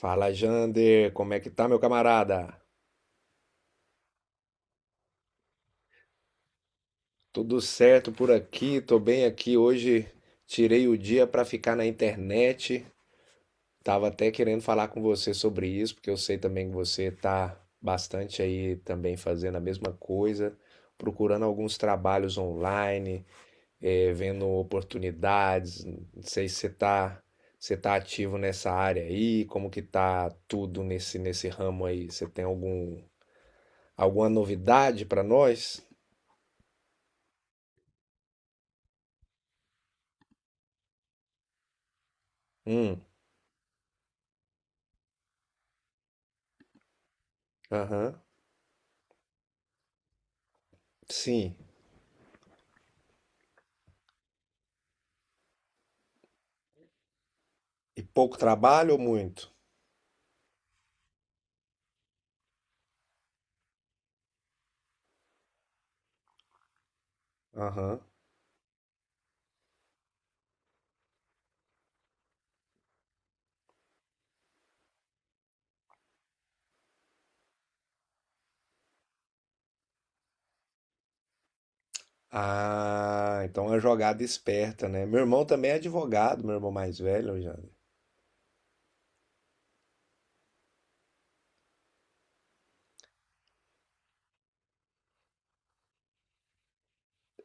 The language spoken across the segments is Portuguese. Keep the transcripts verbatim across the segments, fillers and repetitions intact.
Fala, Jander, como é que tá, meu camarada? Tudo certo por aqui, tô bem aqui. Hoje tirei o dia pra ficar na internet. Tava até querendo falar com você sobre isso, porque eu sei também que você tá bastante aí também fazendo a mesma coisa, procurando alguns trabalhos online, eh, vendo oportunidades. Não sei se você tá, você tá ativo nessa área aí, como que tá tudo nesse, nesse ramo aí? Você tem algum, alguma novidade pra nós? Hum, aham. Sim. E pouco trabalho ou muito? Aham. Ah, então é uma jogada esperta, né? Meu irmão também é advogado, meu irmão mais velho, já.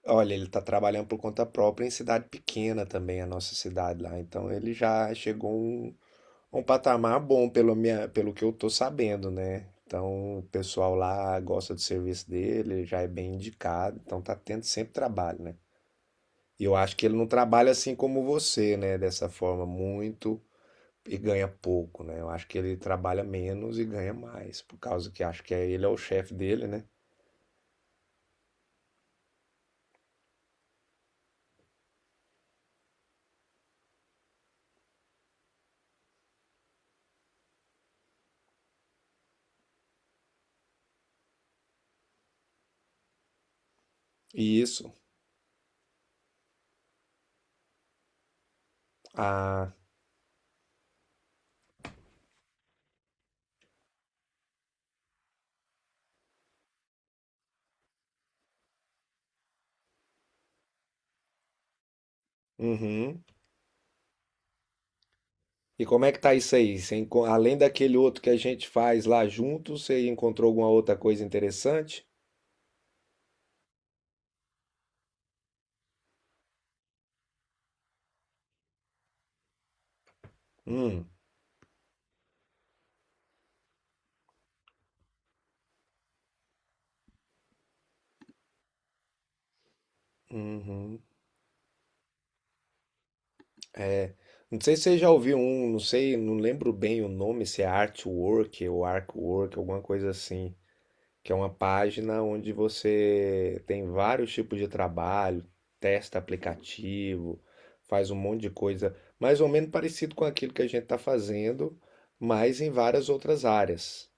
Olha, ele tá trabalhando por conta própria em cidade pequena também, a nossa cidade lá. Então ele já chegou a um, a um patamar bom pelo minha, pelo que eu tô sabendo, né? Então o pessoal lá gosta do serviço dele, já é bem indicado, então tá tendo sempre trabalho, né? E eu acho que ele não trabalha assim como você, né? Dessa forma muito e ganha pouco, né? Eu acho que ele trabalha menos e ganha mais, por causa que acho que é, ele é o chefe dele, né? E isso. Ah, uhum. E como é que tá isso aí? Você enco- além daquele outro que a gente faz lá junto, você encontrou alguma outra coisa interessante? Hum, uhum. Não sei se você já ouviu um, não sei, não lembro bem o nome, se é Artwork ou Arcwork, alguma coisa assim, que é uma página onde você tem vários tipos de trabalho, testa aplicativo, faz um monte de coisa, mais ou menos parecido com aquilo que a gente está fazendo, mas em várias outras áreas.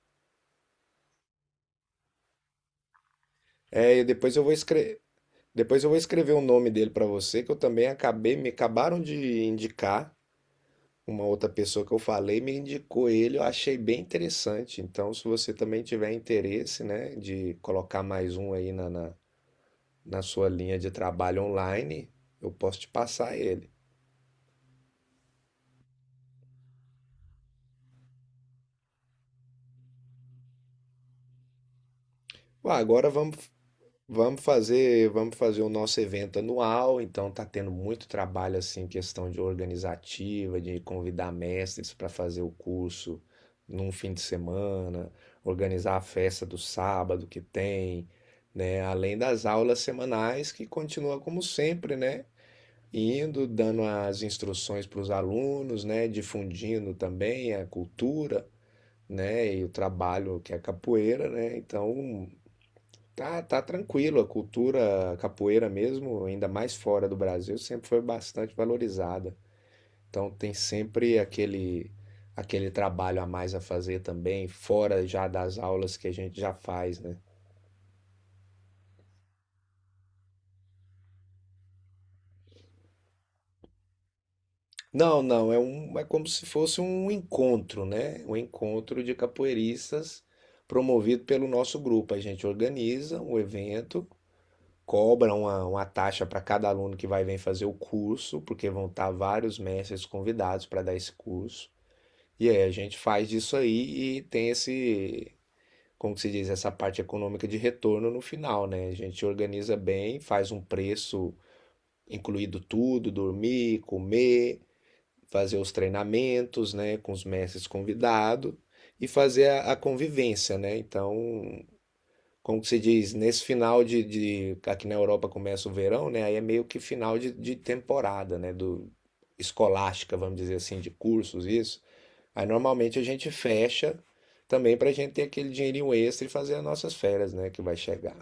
É, e depois eu vou escrever, depois eu vou escrever o nome dele para você, que eu também acabei, me acabaram de indicar uma outra pessoa que eu falei me indicou ele, eu achei bem interessante. Então, se você também tiver interesse, né, de colocar mais um aí na, na, na sua linha de trabalho online, eu posso te passar ele. Ué, agora vamos, vamos fazer, vamos fazer o nosso evento anual, então tá tendo muito trabalho assim, questão de organizativa, de convidar mestres para fazer o curso num fim de semana, organizar a festa do sábado que tem, né? Além das aulas semanais que continua como sempre, né? Indo, dando as instruções para os alunos, né? Difundindo também a cultura, né? E o trabalho que é capoeira, né? Então, tá, tá tranquilo. A cultura capoeira mesmo, ainda mais fora do Brasil, sempre foi bastante valorizada. Então, tem sempre aquele aquele trabalho a mais a fazer também, fora já das aulas que a gente já faz, né? Não, não, é um, é como se fosse um encontro, né? Um encontro de capoeiristas promovido pelo nosso grupo. A gente organiza um evento, cobra uma, uma taxa para cada aluno que vai vir fazer o curso, porque vão estar vários mestres convidados para dar esse curso. E aí a gente faz isso aí e tem esse, como que se diz, essa parte econômica de retorno no final, né? A gente organiza bem, faz um preço incluído tudo, dormir, comer, fazer os treinamentos, né, com os mestres convidados e fazer a, a convivência, né? Então, como que se diz, nesse final de, de- aqui na Europa começa o verão, né? Aí é meio que final de, de temporada, né? Do escolástica, vamos dizer assim, de cursos, isso. Aí normalmente a gente fecha também para a gente ter aquele dinheirinho extra e fazer as nossas férias, né? Que vai chegar.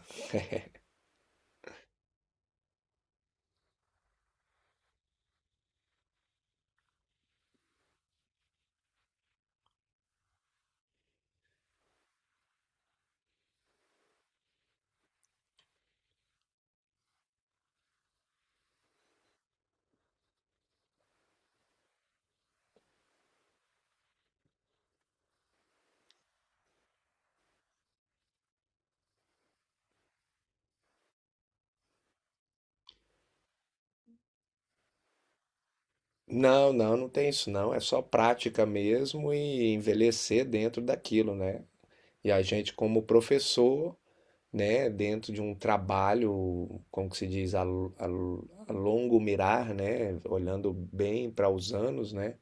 Não, não, não tem isso não. É só prática mesmo e envelhecer dentro daquilo, né? E a gente, como professor, né, dentro de um trabalho, como que se diz, a, a- a longo mirar, né, olhando bem para os anos, né,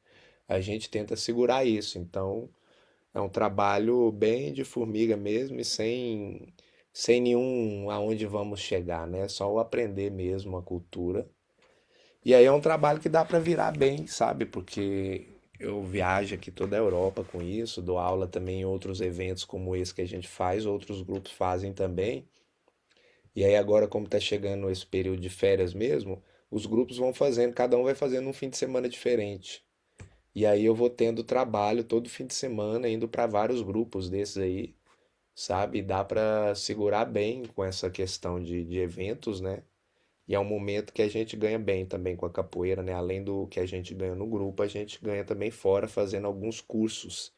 a gente tenta segurar isso. Então, é um trabalho bem de formiga mesmo e sem, sem nenhum aonde vamos chegar, né, só o aprender mesmo a cultura. E aí é um trabalho que dá para virar bem, sabe, porque eu viajo aqui toda a Europa com isso, dou aula também em outros eventos como esse que a gente faz, outros grupos fazem também. E aí agora, como está chegando esse período de férias mesmo, os grupos vão fazendo, cada um vai fazendo um fim de semana diferente. E aí eu vou tendo trabalho todo fim de semana, indo para vários grupos desses aí, sabe? Dá para segurar bem com essa questão de, de eventos, né? E é um momento que a gente ganha bem também com a capoeira, né? Além do que a gente ganha no grupo, a gente ganha também fora fazendo alguns cursos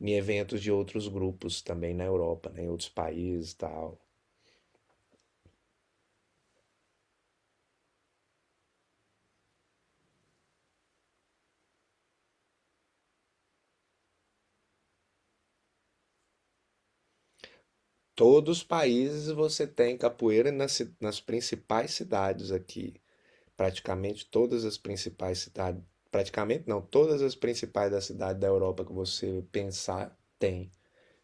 em eventos de outros grupos também na Europa, né? Em outros países e tal. Todos os países você tem capoeira nas, ci- nas principais cidades aqui. Praticamente todas as principais cidades. Praticamente não, todas as principais da cidade da Europa que você pensar tem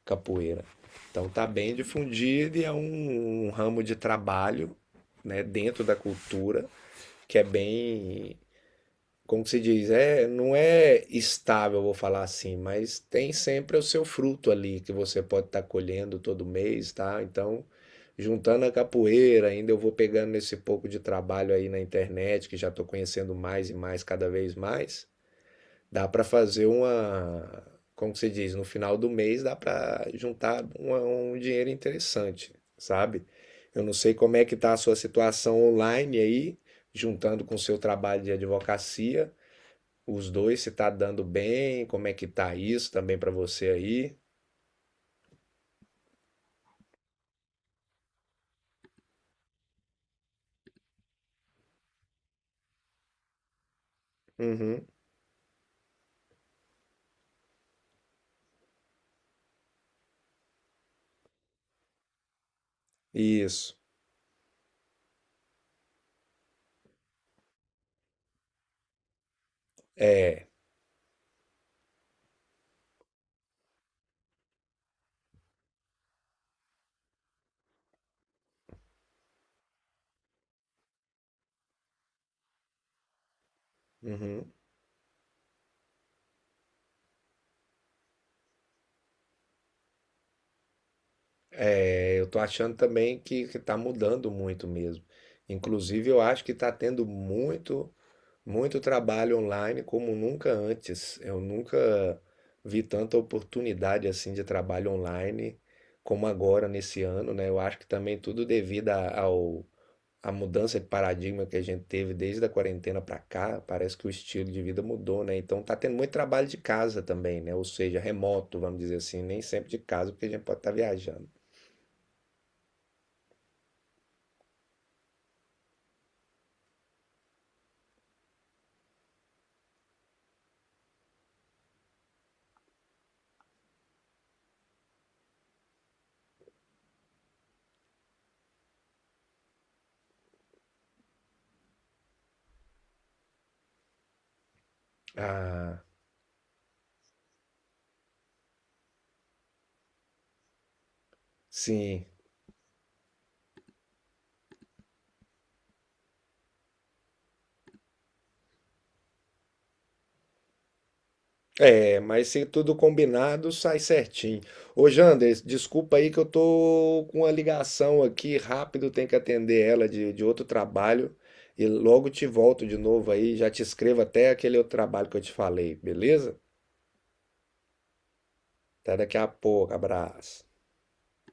capoeira. Então tá bem difundido e é um, um ramo de trabalho, né, dentro da cultura que é bem, como que se diz, é, não é estável, vou falar assim, mas tem sempre o seu fruto ali que você pode estar colhendo todo mês, tá? Então, juntando a capoeira, ainda eu vou pegando esse pouco de trabalho aí na internet, que já estou conhecendo mais e mais cada vez mais, dá para fazer uma, como que se diz, no final do mês dá para juntar uma- um dinheiro interessante, sabe? Eu não sei como é que tá a sua situação online aí, juntando com o seu trabalho de advocacia os dois, se tá dando bem, como é que tá isso também pra você aí. Uhum. Isso. É. Uhum. É, eu tô achando também que, que tá mudando muito mesmo. Inclusive, eu acho que tá tendo muito, muito trabalho online como nunca antes. Eu nunca vi tanta oportunidade assim de trabalho online como agora nesse ano, né? Eu acho que também tudo devido a- ao a mudança de paradigma que a gente teve desde a quarentena para cá, parece que o estilo de vida mudou, né? Então tá tendo muito trabalho de casa também, né? Ou seja, remoto, vamos dizer assim, nem sempre de casa, porque a gente pode estar viajando. Ah, sim. É, mas se tudo combinado, sai certinho. Ô, Jander, desculpa aí que eu tô com uma ligação aqui, rápido, tenho que atender ela de, de outro trabalho. E logo te volto de novo aí, já te escrevo até aquele outro trabalho que eu te falei, beleza? Até daqui a pouco, abraço.